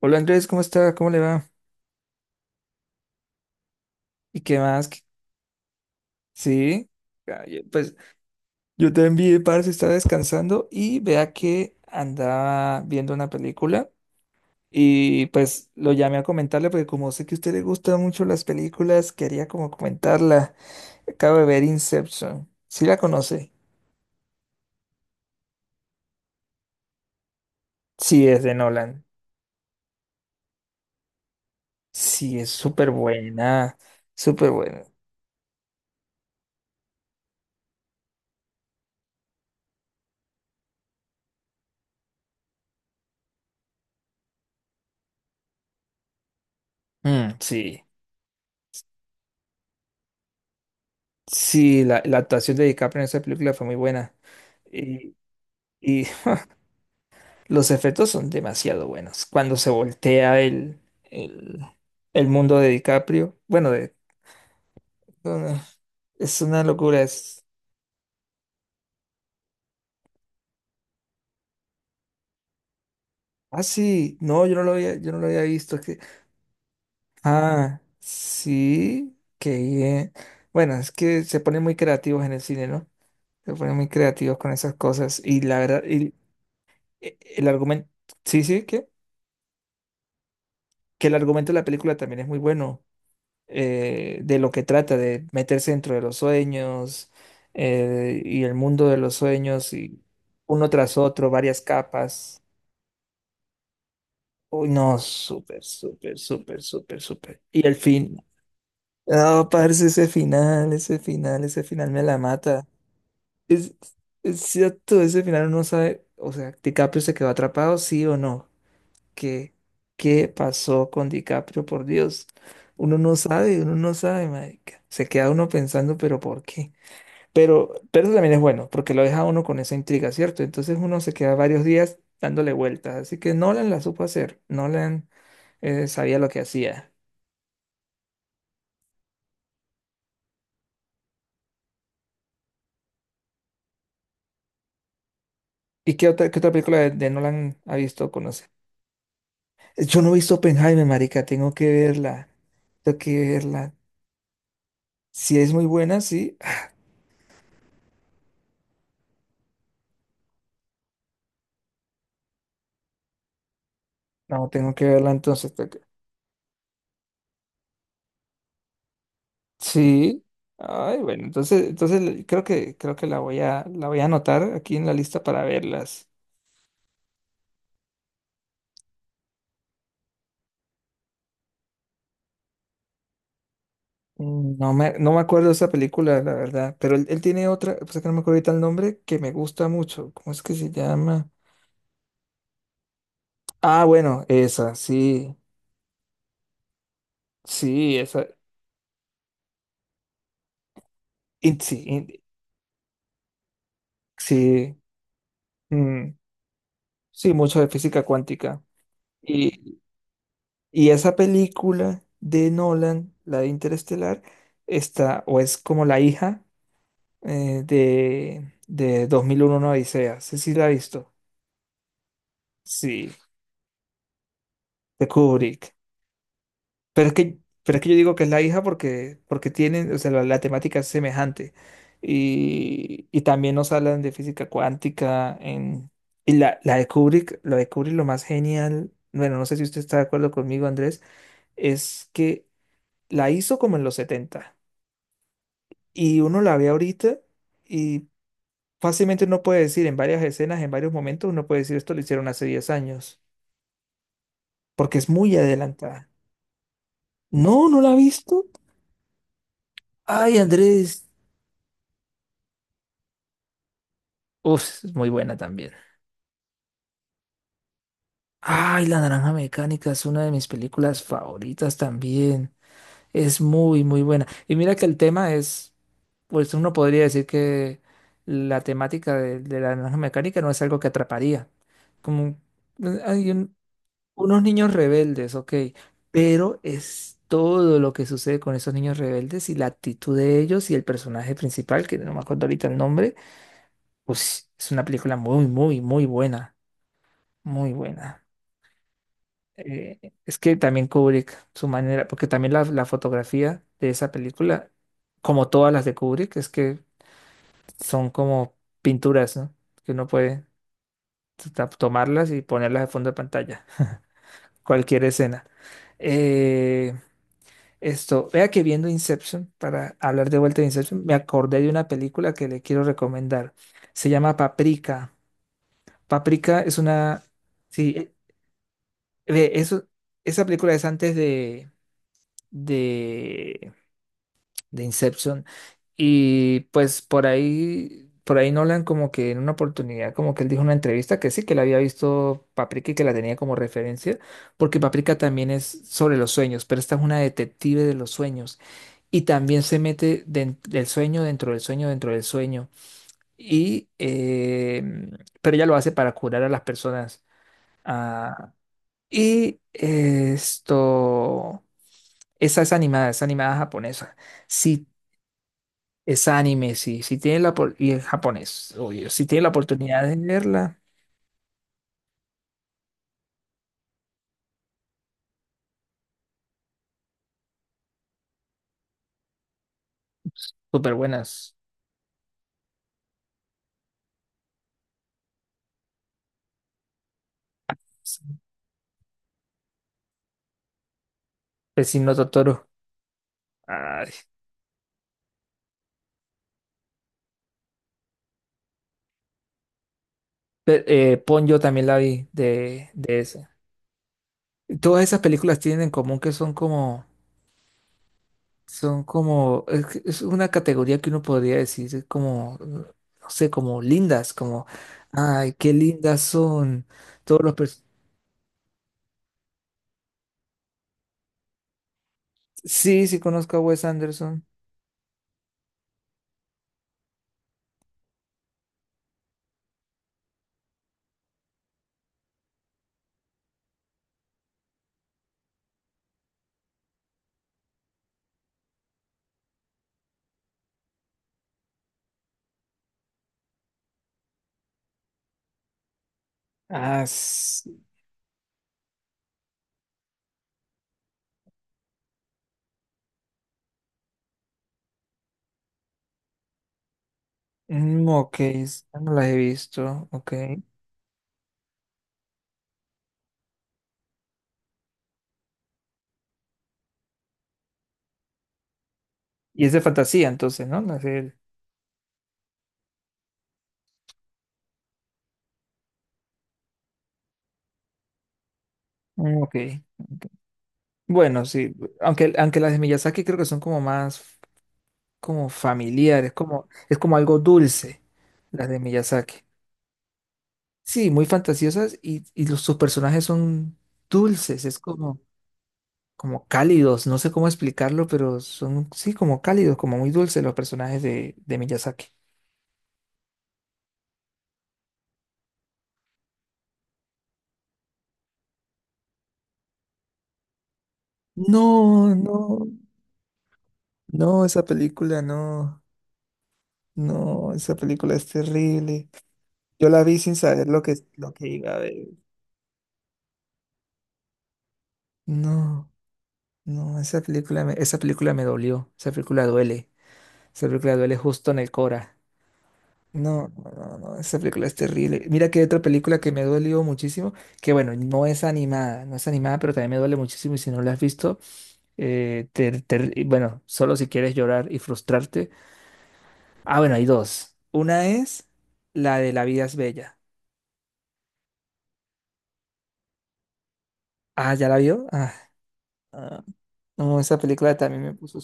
Hola Andrés, ¿cómo está? ¿Cómo le va? ¿Y qué más? Sí, ay, pues yo te envié, parce, estaba descansando y vea que andaba viendo una película y pues lo llamé a comentarle porque como sé que a usted le gustan mucho las películas, quería como comentarla. Acabo de ver Inception. ¿Sí la conoce? Sí, es de Nolan. Sí, es súper buena, súper buena. Mm, sí, sí, la actuación de DiCaprio en esa película fue muy buena. Y, y los efectos son demasiado buenos. Cuando se voltea el, el mundo de DiCaprio, bueno, no, no, es una locura. Ah, sí, no, yo no lo había, yo no lo había visto. Es que, ah, sí, que bien. Bueno, es que se ponen muy creativos en el cine, ¿no? Se ponen muy creativos con esas cosas. Y la verdad, el argumento, sí, sí, que el argumento de la película también es muy bueno. De lo que trata, de meterse dentro de los sueños, y el mundo de los sueños y uno tras otro, varias capas. Uy, no, súper, súper, súper, súper, súper. Y el fin. No, parce, ese final, ese final, ese final me la mata. Es, es cierto, ese final uno sabe, o sea, DiCaprio se quedó atrapado, sí o no. ¿Qué, qué pasó con DiCaprio, por Dios? Uno no sabe, marica. Se queda uno pensando, pero ¿por qué? Pero eso también es bueno, porque lo deja a uno con esa intriga, ¿cierto? Entonces uno se queda varios días dándole vueltas. Así que Nolan la supo hacer. Nolan sabía lo que hacía. ¿Y qué otra película de Nolan ha visto o conoce? Yo no he visto Oppenheimer, marica. Tengo que verla. Tengo que verla. Si es muy buena, sí. No, tengo que verla entonces. Sí. Ay, bueno, entonces creo que la voy a anotar aquí en la lista para verlas. No me acuerdo de esa película, la verdad, pero él tiene otra, pues es que no me acuerdo ahorita el nombre, que me gusta mucho. ¿Cómo es que se llama? Ah, bueno, esa, sí, sí, esa, sí, sí, mm, sí, mucho de física cuántica. Y, y esa película de Nolan, la de Interestelar, está, o es como la hija de 2001, una Odisea, sí, sí la he visto, sí, de Kubrick. Pero es que yo digo que es la hija porque, tienen, o sea, la temática es semejante. Y también nos hablan de física cuántica y la de Kubrick lo más genial, bueno, no sé si usted está de acuerdo conmigo, Andrés, es que la hizo como en los 70 y uno la ve ahorita y fácilmente uno puede decir en varias escenas, en varios momentos, uno puede decir esto lo hicieron hace 10 años, porque es muy adelantada. No, no la ha visto. Ay, Andrés. Uf, es muy buena también. Ay, La Naranja Mecánica es una de mis películas favoritas también. Es muy, muy buena. Y mira que el tema es, pues uno podría decir que la temática de La Naranja Mecánica no es algo que atraparía. Como hay unos niños rebeldes, ok, pero es todo lo que sucede con esos niños rebeldes y la actitud de ellos y el personaje principal, que no me acuerdo ahorita el nombre, pues es una película muy, muy, muy buena. Muy buena. Es que también Kubrick, su manera, porque también la fotografía de esa película, como todas las de Kubrick, es que son como pinturas, ¿no? Que uno puede tomarlas y ponerlas de fondo de pantalla, cualquier escena. Eh, esto, vea que viendo Inception, para hablar de vuelta de Inception, me acordé de una película que le quiero recomendar. Se llama Paprika. Paprika es una... Sí, ve, eso, esa película es antes de de Inception. Y pues por ahí Nolan como que en una oportunidad, como que él dijo en una entrevista que sí, que la había visto Paprika y que la tenía como referencia, porque Paprika también es sobre los sueños, pero esta es una detective de los sueños. Y también se mete del sueño dentro del sueño dentro del sueño. Y, eh, pero ella lo hace para curar a las personas. Ah, y esto, esa es animada japonesa. Si es anime, sí. Si tienen y es japonés, obvio. Si tienen la oportunidad de verla, súper buenas. Vecino Totoro. Ay. Pe- Ponyo también la vi de esa. Todas esas películas tienen en común que son como, que es una categoría que uno podría decir es como, no sé, como lindas, como, ay, qué lindas son. Todos los pers- Sí, sí conozco a Wes Anderson. Ah, ok, esa no las he visto, ok. Y es de fantasía, entonces, ¿no? No es mm, ok. Bueno, sí. Aunque las de Miyazaki creo que son como más como familiares, como, es como algo dulce, las de Miyazaki. Sí, muy fantasiosas y sus personajes son dulces, es como, como cálidos, no sé cómo explicarlo, pero son, sí, como cálidos, como muy dulces los personajes de Miyazaki. No, no, no, esa película no, no, esa película es terrible. Yo la vi sin saber lo que iba a ver. No, no, esa película me dolió. Esa película duele. Esa película duele justo en el Cora. No, no, no, no, esa película es terrible. Mira que hay otra película que me dolió muchísimo, que bueno, no es animada, no es animada, pero también me duele muchísimo y si no la has visto, y bueno, solo si quieres llorar y frustrarte. Ah, bueno, hay dos. Una es la de La vida es bella. Ah, ¿ya la vio? Ah, ah, no, esa película también me puso.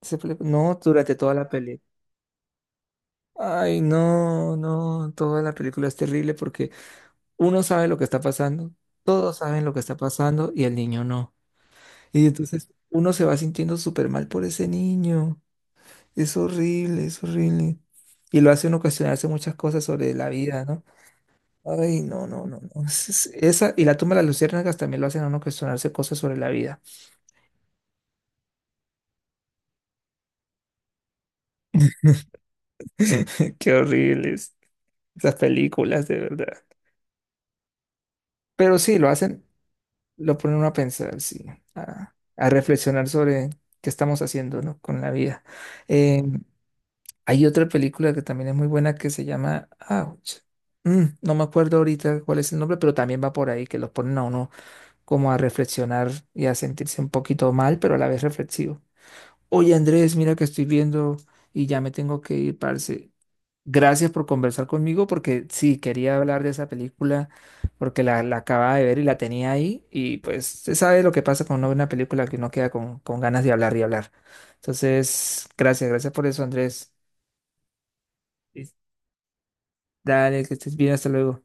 No, durante toda la película. Ay, no, no, toda la película es terrible porque uno sabe lo que está pasando, todos saben lo que está pasando y el niño no. Y entonces uno se va sintiendo súper mal por ese niño. Es horrible, es horrible. Y lo hace uno cuestionarse muchas cosas sobre la vida, ¿no? Ay, no, no, no, no. Esa, y la tumba de las luciérnagas también lo hacen a uno cuestionarse cosas sobre la vida. Qué horribles esas películas, de verdad. Pero sí, lo hacen. Lo pone uno a pensar, sí, a reflexionar sobre qué estamos haciendo, ¿no? con la vida. Eh, hay otra película que también es muy buena que se llama Ouch. No me acuerdo ahorita cuál es el nombre, pero también va por ahí, que los ponen a uno como a reflexionar y a sentirse un poquito mal, pero a la vez reflexivo. Oye, Andrés, mira que estoy viendo y ya me tengo que ir, parce. Gracias por conversar conmigo porque sí, quería hablar de esa película porque la acababa de ver y la tenía ahí y pues se sabe lo que pasa cuando uno ve una buena película que uno queda con, ganas de hablar y hablar. Entonces, gracias, gracias por eso, Andrés. Dale, que estés bien, hasta luego.